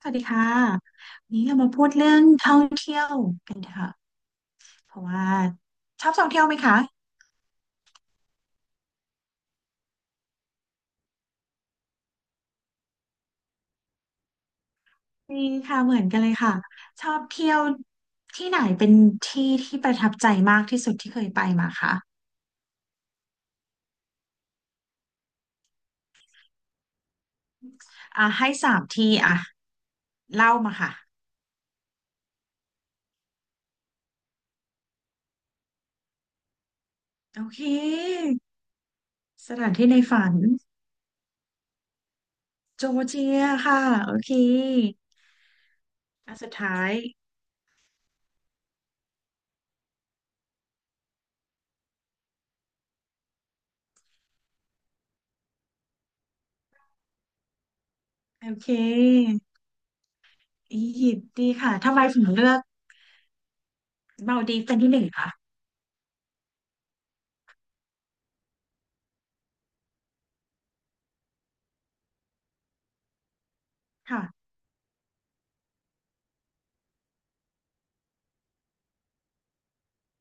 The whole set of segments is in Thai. สวัสดีค่ะวันนี้เรามาพูดเรื่องท่องเที่ยวกันค่ะเพราะว่าชอบท่องเที่ยวไหมคะมีค่ะเหมือนกันเลยค่ะชอบเที่ยวที่ไหนเป็นที่ที่ประทับใจมากที่สุดที่เคยไปมาคะอ่ะให้สามที่อ่ะเล่ามาค่ะโอเคสถานที่ในฝันโจเจียค่ะโอเคอันสุดท้ายโอเคอียิปต์ดีค่ะทำไมถึงเลือกมาลดีฟเป็นที่หนึ่งคะค่ะ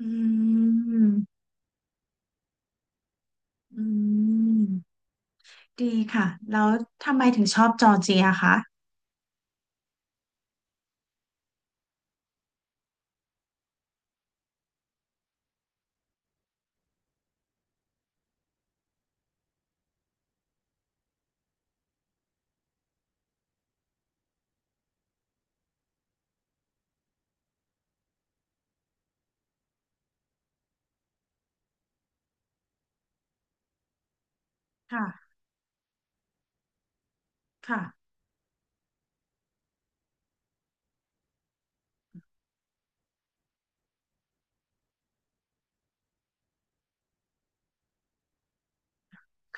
อืม อืมดีค่ะแล้วทำไมถึงชอบจอร์เจียคะค่ะค่ะ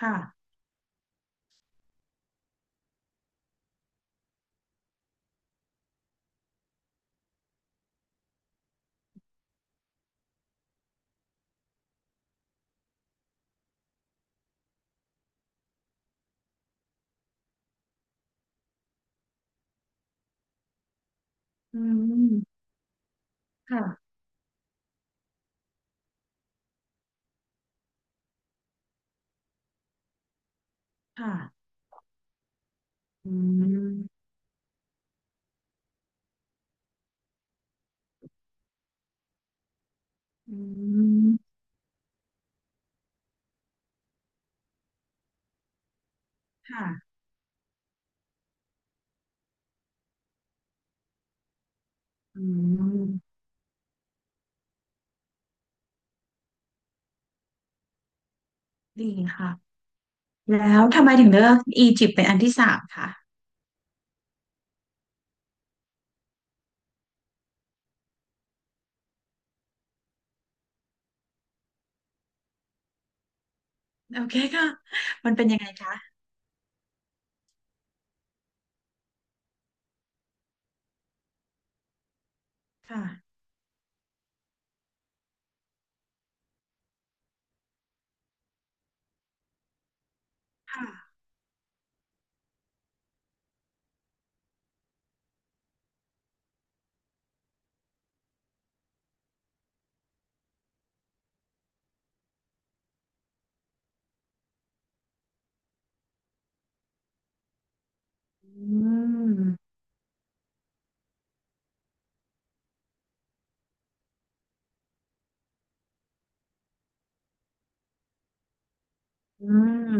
ค่ะอืมค่ะค่ะอืมอืมค่ะอืมดีค่ะแล้วทำไมถึงเลือกอียิปต์เป็นอันที่สามคะโอเคค่ะมันเป็นยังไงคะค่ะค่ะอืมอืม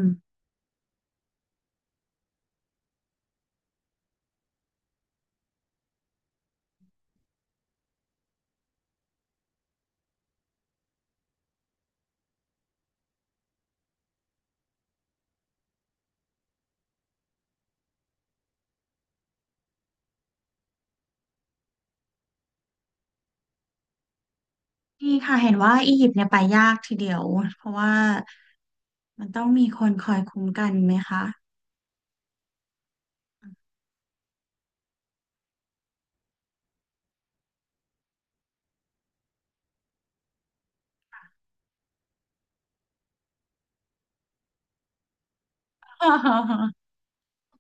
ดีค่ะเห็นว่าอียิปต์เนี่ยไปยากทีเดียวเพราะว่ามันต้องมีคนคอยคุ้มกันไหมคะ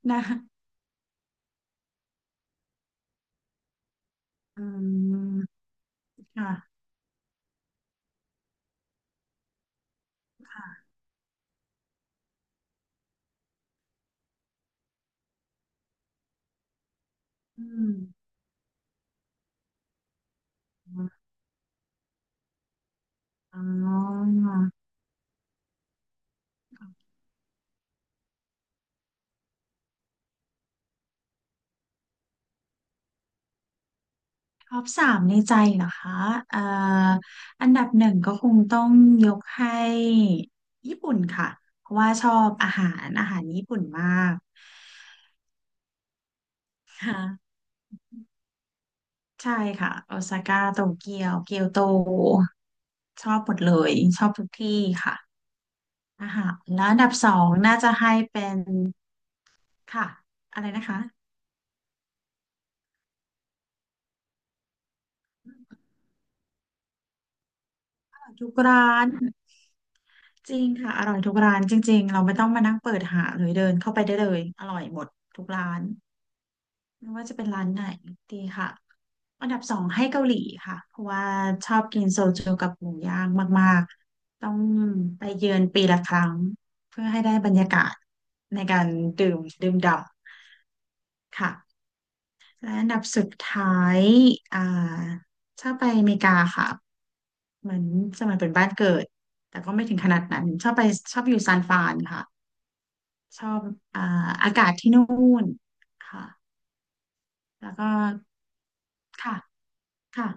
นะอืมค่ะค่ะอืมอ๋อท็อปสามในใจเหรอคะเอ่ออันดับหนึ่งก็คงต้องยกให้ญี่ปุ่นค่ะเพราะว่าชอบอาหารญี่ปุ่นมากค่ะใช่ค่ะโอซาก้าโตเกียวเกียวโตชอบหมดเลยชอบทุกที่ค่ะอาหารแล้วอันดับสองน่าจะให้เป็นค่ะอะไรนะคะทุกร้าน จริงค่ะอร่อยทุกร้านจริงๆเราไม่ต้องมานั่งเปิดหาเลยเดินเข้าไปได้เลยอร่อยหมดทุกร้านไม่ว่าจะเป็นร้านไหนดีค่ะอันดับสองให้เกาหลีค่ะเพราะว่าชอบกินโซจูกับหมูย่างมากๆต้องไปเยือนปีละครั้งเพื่อให้ได้บรรยากาศในการดื่มด่ำค่ะและอันดับสุดท้ายอ่าชอบไปอเมริกาค่ะเหมือนสมัยเป็นบ้านเกิดแต่ก็ไม่ถึงขนาดนั้นชอบไปชอบอยู่ซานฟรานค่ะ ชอบอ่าอากาศที่นู่นค่ะแล้วก็ค่ะค่ะ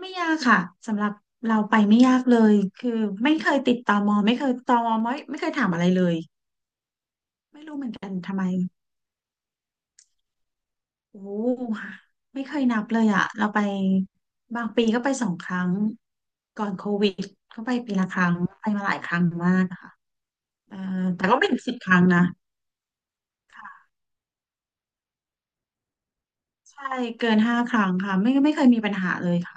ไม่ยากค่ะ สำหรับเราไปไม่ยากเลย คือไม่เคยติดตมไม่เคยตมไม่เคยถามอะไรเลย ไม่รู้เหมือนกันทำไมโอ้ไม่เคยนับเลยอ่ะเราไปบางปีก็ไปสองครั้งก่อนโควิดก็ไปปีละครั้งไปมาหลายครั้งมากค่ะเอ่อแต่ก็ไม่ถึงสิบครั้งนะใช่เกินห้าครั้งค่ะไม่เคยมีปัญหาเลยค่ะ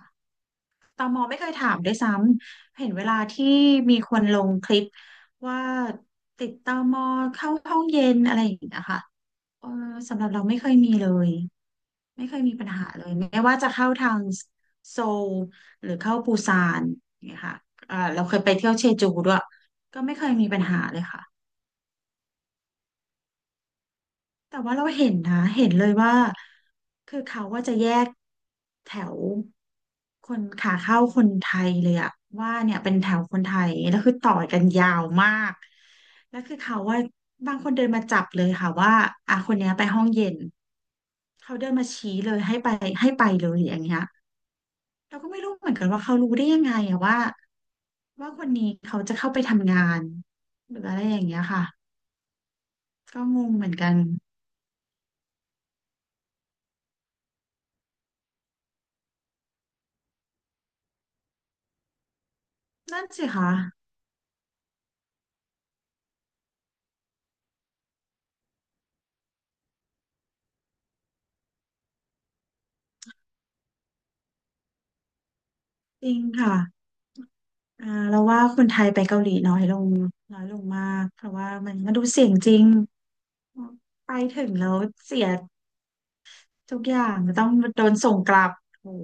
ตมไม่เคยถามด้วยซ้ำ เห็นเวลาที่มีคนลงคลิปว่าติดตมเข้าห้องเย็นอะไรอย่างเงี้ยค่ะเออสำหรับเราไม่เคยมีเลยไม่เคยมีปัญหาเลยไม่ว่าจะเข้าทางโซลหรือเข้าปูซานเนี่ยค่ะเออเราเคยไปเที่ยวเชจูด้วยก็ไม่เคยมีปัญหาเลยค่ะ แต่ว่าเราเห็นนะเห็นเลยว่าคือเขาว่าจะแยกแถวคนขาเข้าคนไทยเลยอะว่าเนี่ยเป็นแถวคนไทยแล้วคือต่อกันยาวมากแล้วคือเขาว่าบางคนเดินมาจับเลยค่ะว่าอ่ะคนเนี้ยไปห้องเย็นเขาเดินมาชี้เลยให้ไปให้ไปเลยอย่างเงี้ยเราก็ไม่รู้เหมือนกันว่าเขารู้ได้ยังไงอะว่าคนนี้เขาจะเข้าไปทำงานหรืออะไรอย่างเงี้ยค่ะก็งงเหมือนกันนั่นสิคะจริงค่ะ เราว่าคนไทยไปเกาหลีน้อยลงน้อยลงมากเพราะว่ามันดูเสี่ยงจริงไปถึงแล้วเสียทุกอย่างต้องโดนส่งกลับโอ้โห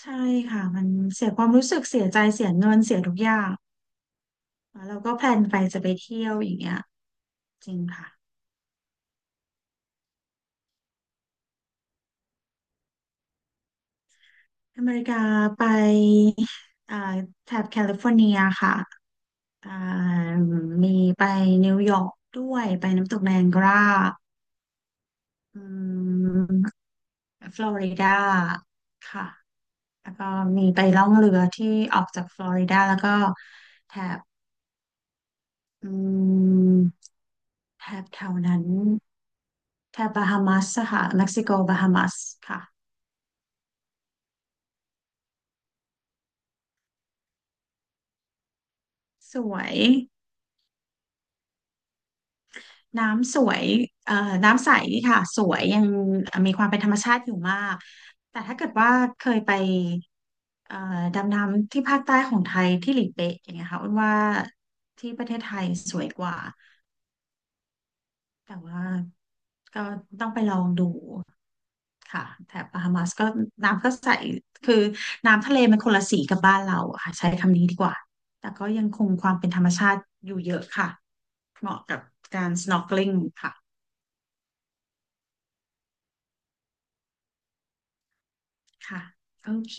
ใช่ค่ะมันเสียความรู้สึกเสียใจเสียเงินเสียทุกอย่างแล้วเราก็แพลนไปจะไปเที่ยวอย่างเงี้ยจริงค่ะอเมริกาไปอ่าแถบแคลิฟอร์เนียค่ะอ่ามีไปนิวยอร์กด้วยไปน้ำตกไนแองการาอืม ฟลอริดาค่ะ แล้วก็มีไปล่องเรือที่ออกจากฟลอริดาแล้วก็แถบอืมแถบแถวนั้นแถบบาฮามัสค่ะเม็กซิโกบาฮามัสค่ะสวยน้ำสวยเอ่อน้ำใสค่ะสวยยังมีความเป็นธรรมชาติอยู่มากแต่ถ้าเกิดว่าเคยไปเอ่อดำน้ำที่ภาคใต้ของไทยที่หลีเป๊ะอย่างเงี้ยค่ะอ้วนว่าที่ประเทศไทยสวยกว่า แต่ว่าก็ต้องไปลองดูค่ะแถบบัฮามัสก็น้ำก็ใสคือน้ำทะเลมันคนละสีกับบ้านเราอะค่ะใช้คำนี้ดีกว่าแต่ก็ยังคงความเป็นธรรมชาติอยู่เยอะค่ะเหมาะกับการ snorkeling ค่ะค่ะโอเค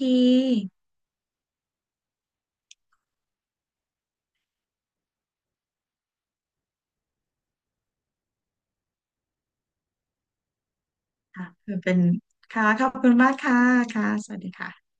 ค่ะคือเป็นค่ะขอบคุณมากค่ะค่ะสวัสดีค่ะ